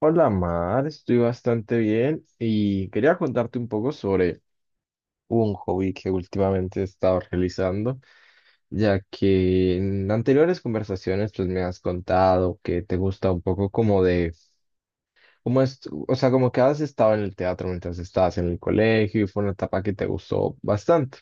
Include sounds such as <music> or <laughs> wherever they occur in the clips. Hola Mar, estoy bastante bien y quería contarte un poco sobre un hobby que últimamente he estado realizando, ya que en anteriores conversaciones pues me has contado que te gusta un poco como de, como es, o sea, como que has estado en el teatro mientras estabas en el colegio y fue una etapa que te gustó bastante.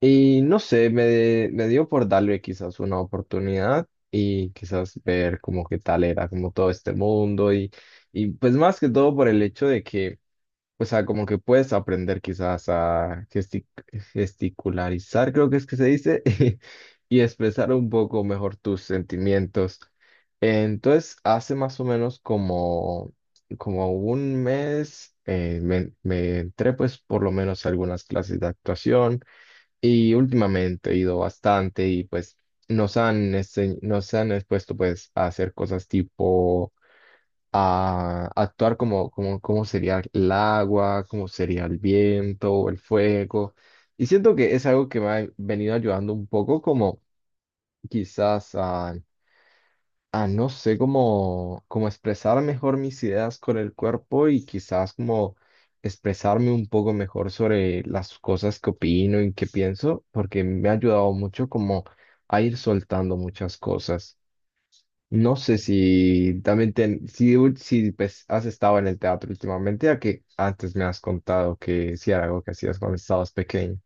Y no sé, me dio por darle quizás una oportunidad y quizás ver como qué tal era como todo este mundo. Y... Y pues más que todo por el hecho de que, o sea, como que puedes aprender quizás a gesticularizar, creo que es que se dice, <laughs> y expresar un poco mejor tus sentimientos. Entonces, hace más o menos como, como un mes me entré pues por lo menos a algunas clases de actuación y últimamente he ido bastante, y pues nos han, nos han expuesto pues a hacer cosas tipo a actuar como, como sería el agua, como sería el viento, o el fuego. Y siento que es algo que me ha venido ayudando un poco como quizás a, no sé, como, expresar mejor mis ideas con el cuerpo y quizás como expresarme un poco mejor sobre las cosas que opino y que pienso, porque me ha ayudado mucho como a ir soltando muchas cosas. No sé si también ten- si, u- si pues, has estado en el teatro últimamente, ya que antes me has contado que sí era algo que hacías cuando estabas pequeño.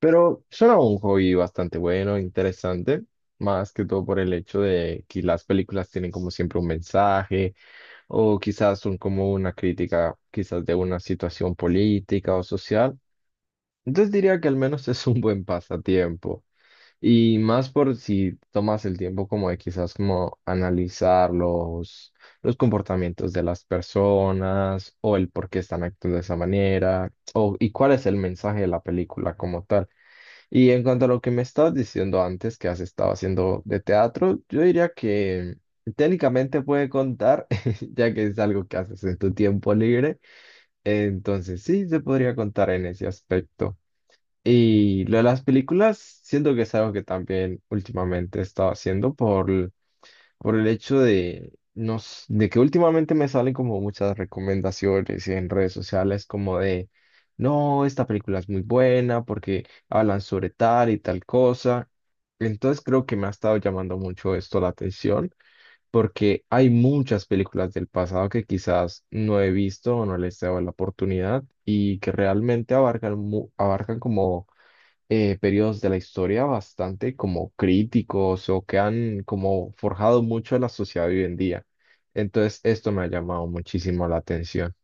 Pero suena un hobby bastante bueno, interesante, más que todo por el hecho de que las películas tienen como siempre un mensaje o quizás son como una crítica quizás de una situación política o social. Entonces diría que al menos es un buen pasatiempo. Y más por si tomas el tiempo como de quizás como analizar los comportamientos de las personas o el por qué están actuando de esa manera o, y cuál es el mensaje de la película como tal. Y en cuanto a lo que me estabas diciendo antes que has estado haciendo de teatro, yo diría que técnicamente puede contar, <laughs> ya que es algo que haces en tu tiempo libre. Entonces sí, se podría contar en ese aspecto. Y lo de las películas, siento que es algo que también últimamente he estado haciendo por el hecho de, no, s- de que últimamente me salen como muchas recomendaciones en redes sociales como de, no, esta película es muy buena porque hablan sobre tal y tal cosa. Entonces creo que me ha estado llamando mucho esto la atención porque hay muchas películas del pasado que quizás no he visto o no les he dado la oportunidad y que realmente abarcan como periodos de la historia bastante como críticos o que han como forjado mucho a la sociedad de hoy en día. Entonces, esto me ha llamado muchísimo la atención.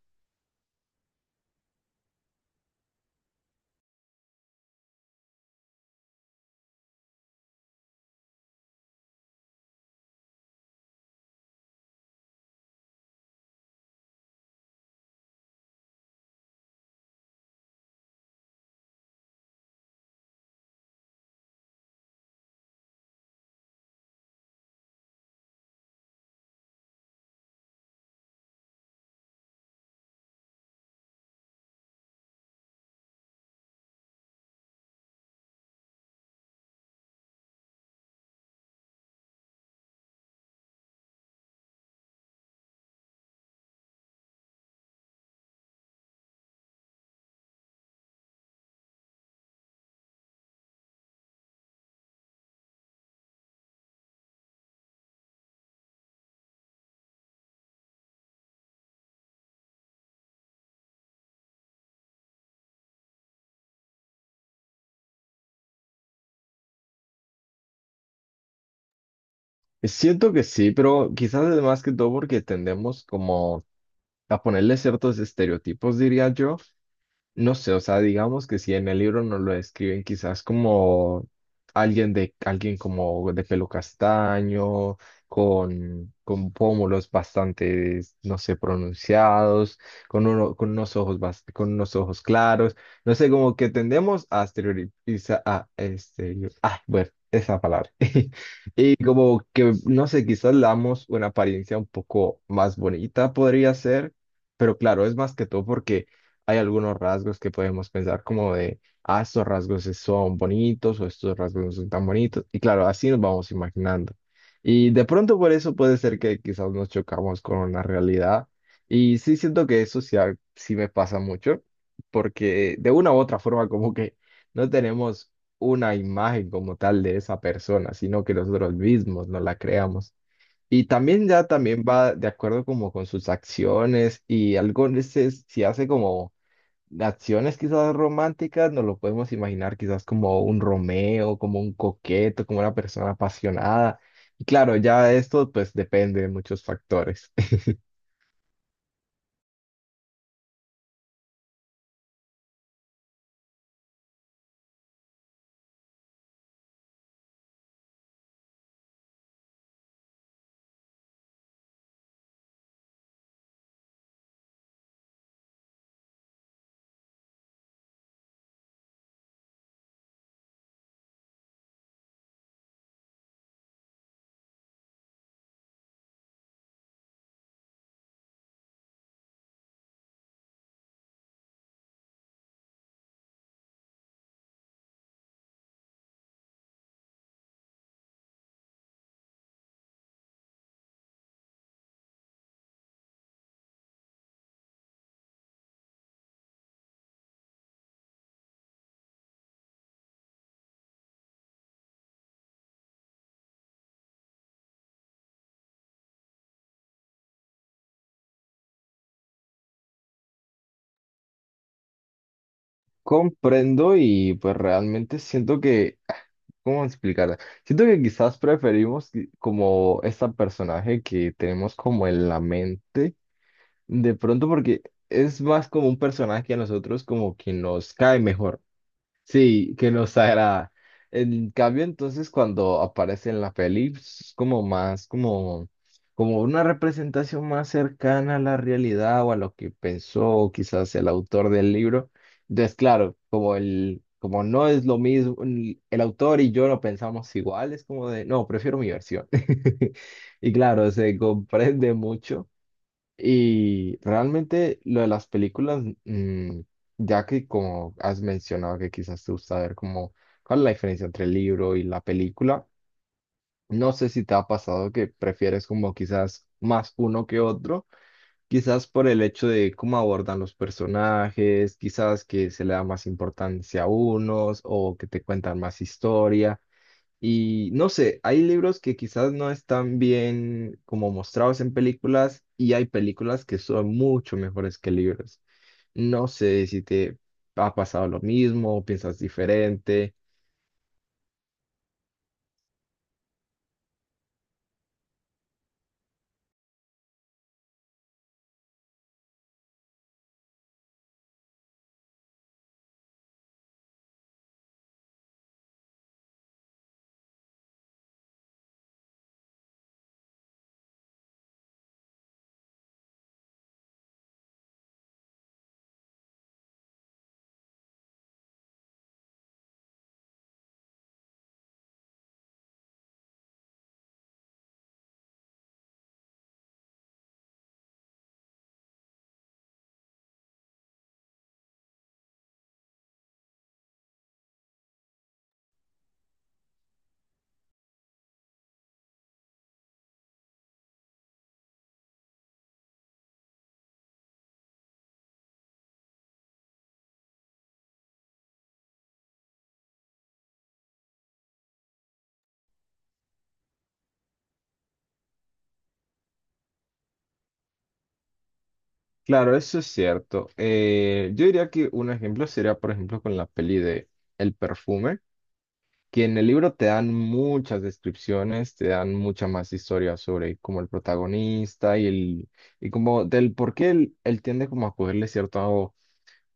Siento que sí, pero quizás es más que todo porque tendemos como a ponerle ciertos estereotipos, diría yo. No sé, o sea, digamos que si en el libro nos lo describen quizás como alguien como de pelo castaño, con pómulos bastante, no sé, pronunciados, con unos ojos claros, no sé, como que tendemos a exteriorizar, a este, ah, bueno, esa palabra. <laughs> Sí, como que, no sé, quizás le damos una apariencia un poco más bonita, podría ser, pero claro, es más que todo porque hay algunos rasgos que podemos pensar como de, ah, son bonitos o estos rasgos no son tan bonitos, y claro, así nos vamos imaginando. Y de pronto por eso puede ser que quizás nos chocamos con la realidad, y sí siento que eso sí, sí me pasa mucho, porque de una u otra forma como que no tenemos una imagen como tal de esa persona, sino que nosotros mismos nos la creamos. Y también ya también va de acuerdo como con sus acciones, y algo veces si hace como acciones quizás románticas, nos lo podemos imaginar quizás como un Romeo, como un coqueto, como una persona apasionada. Y claro, ya esto pues depende de muchos factores. Comprendo, y pues realmente siento que, ah, ¿cómo explicarla? Siento que quizás como este personaje que tenemos como en la mente, de pronto porque es más como un personaje que a nosotros como que nos cae mejor. Sí, que nos agrada. En cambio, entonces, cuando aparece en la peli, pues, es como más, como una representación más cercana a la realidad o a lo que pensó quizás el autor del libro. Entonces, claro, como no es lo mismo, el autor y yo lo pensamos igual, es como de, no, prefiero mi versión. <laughs> Y claro, se comprende mucho. Y realmente lo de las películas, ya que como has mencionado que quizás te gusta ver como cuál es la diferencia entre el libro y la película, no sé si te ha pasado que prefieres como quizás más uno que otro, quizás por el hecho de cómo abordan los personajes, quizás que se le da más importancia a unos o que te cuentan más historia. Y no sé, hay libros que quizás no están bien como mostrados en películas y hay películas que son mucho mejores que libros. No sé si te ha pasado lo mismo o piensas diferente. Claro, eso es cierto. Yo diría que un ejemplo sería, por ejemplo, con la peli de El perfume, que en el libro te dan muchas descripciones, te dan mucha más historia sobre como el protagonista y como del por qué él tiende como a cogerle cierto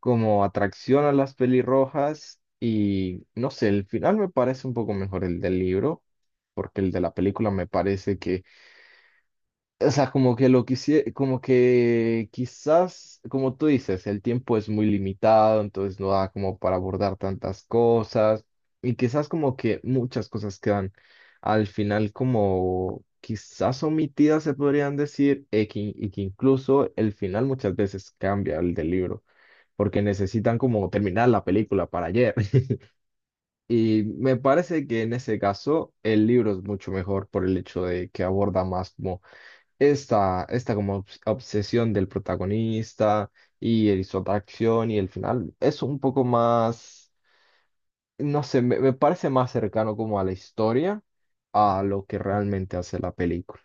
como atracción a las pelirrojas, y no sé, el final me parece un poco mejor el del libro, porque el de la película me parece que, o sea, como que lo quisiera, como que quizás, como tú dices, el tiempo es muy limitado, entonces no da como para abordar tantas cosas, y quizás como que muchas cosas quedan al final como quizás omitidas, se podrían decir, y que incluso el final muchas veces cambia el del libro porque necesitan como terminar la película para ayer. <laughs> Y me parece que en ese caso el libro es mucho mejor por el hecho de que aborda más como esta como obsesión del protagonista y su atracción y el final. Es un poco más, no sé, me parece más cercano como a la historia, a lo que realmente hace la película.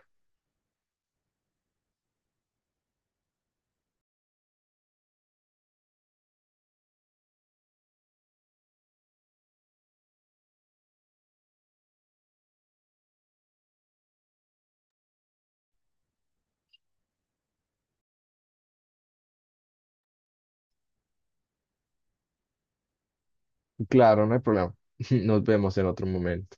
Claro, no hay problema. <laughs> Nos vemos en otro momento.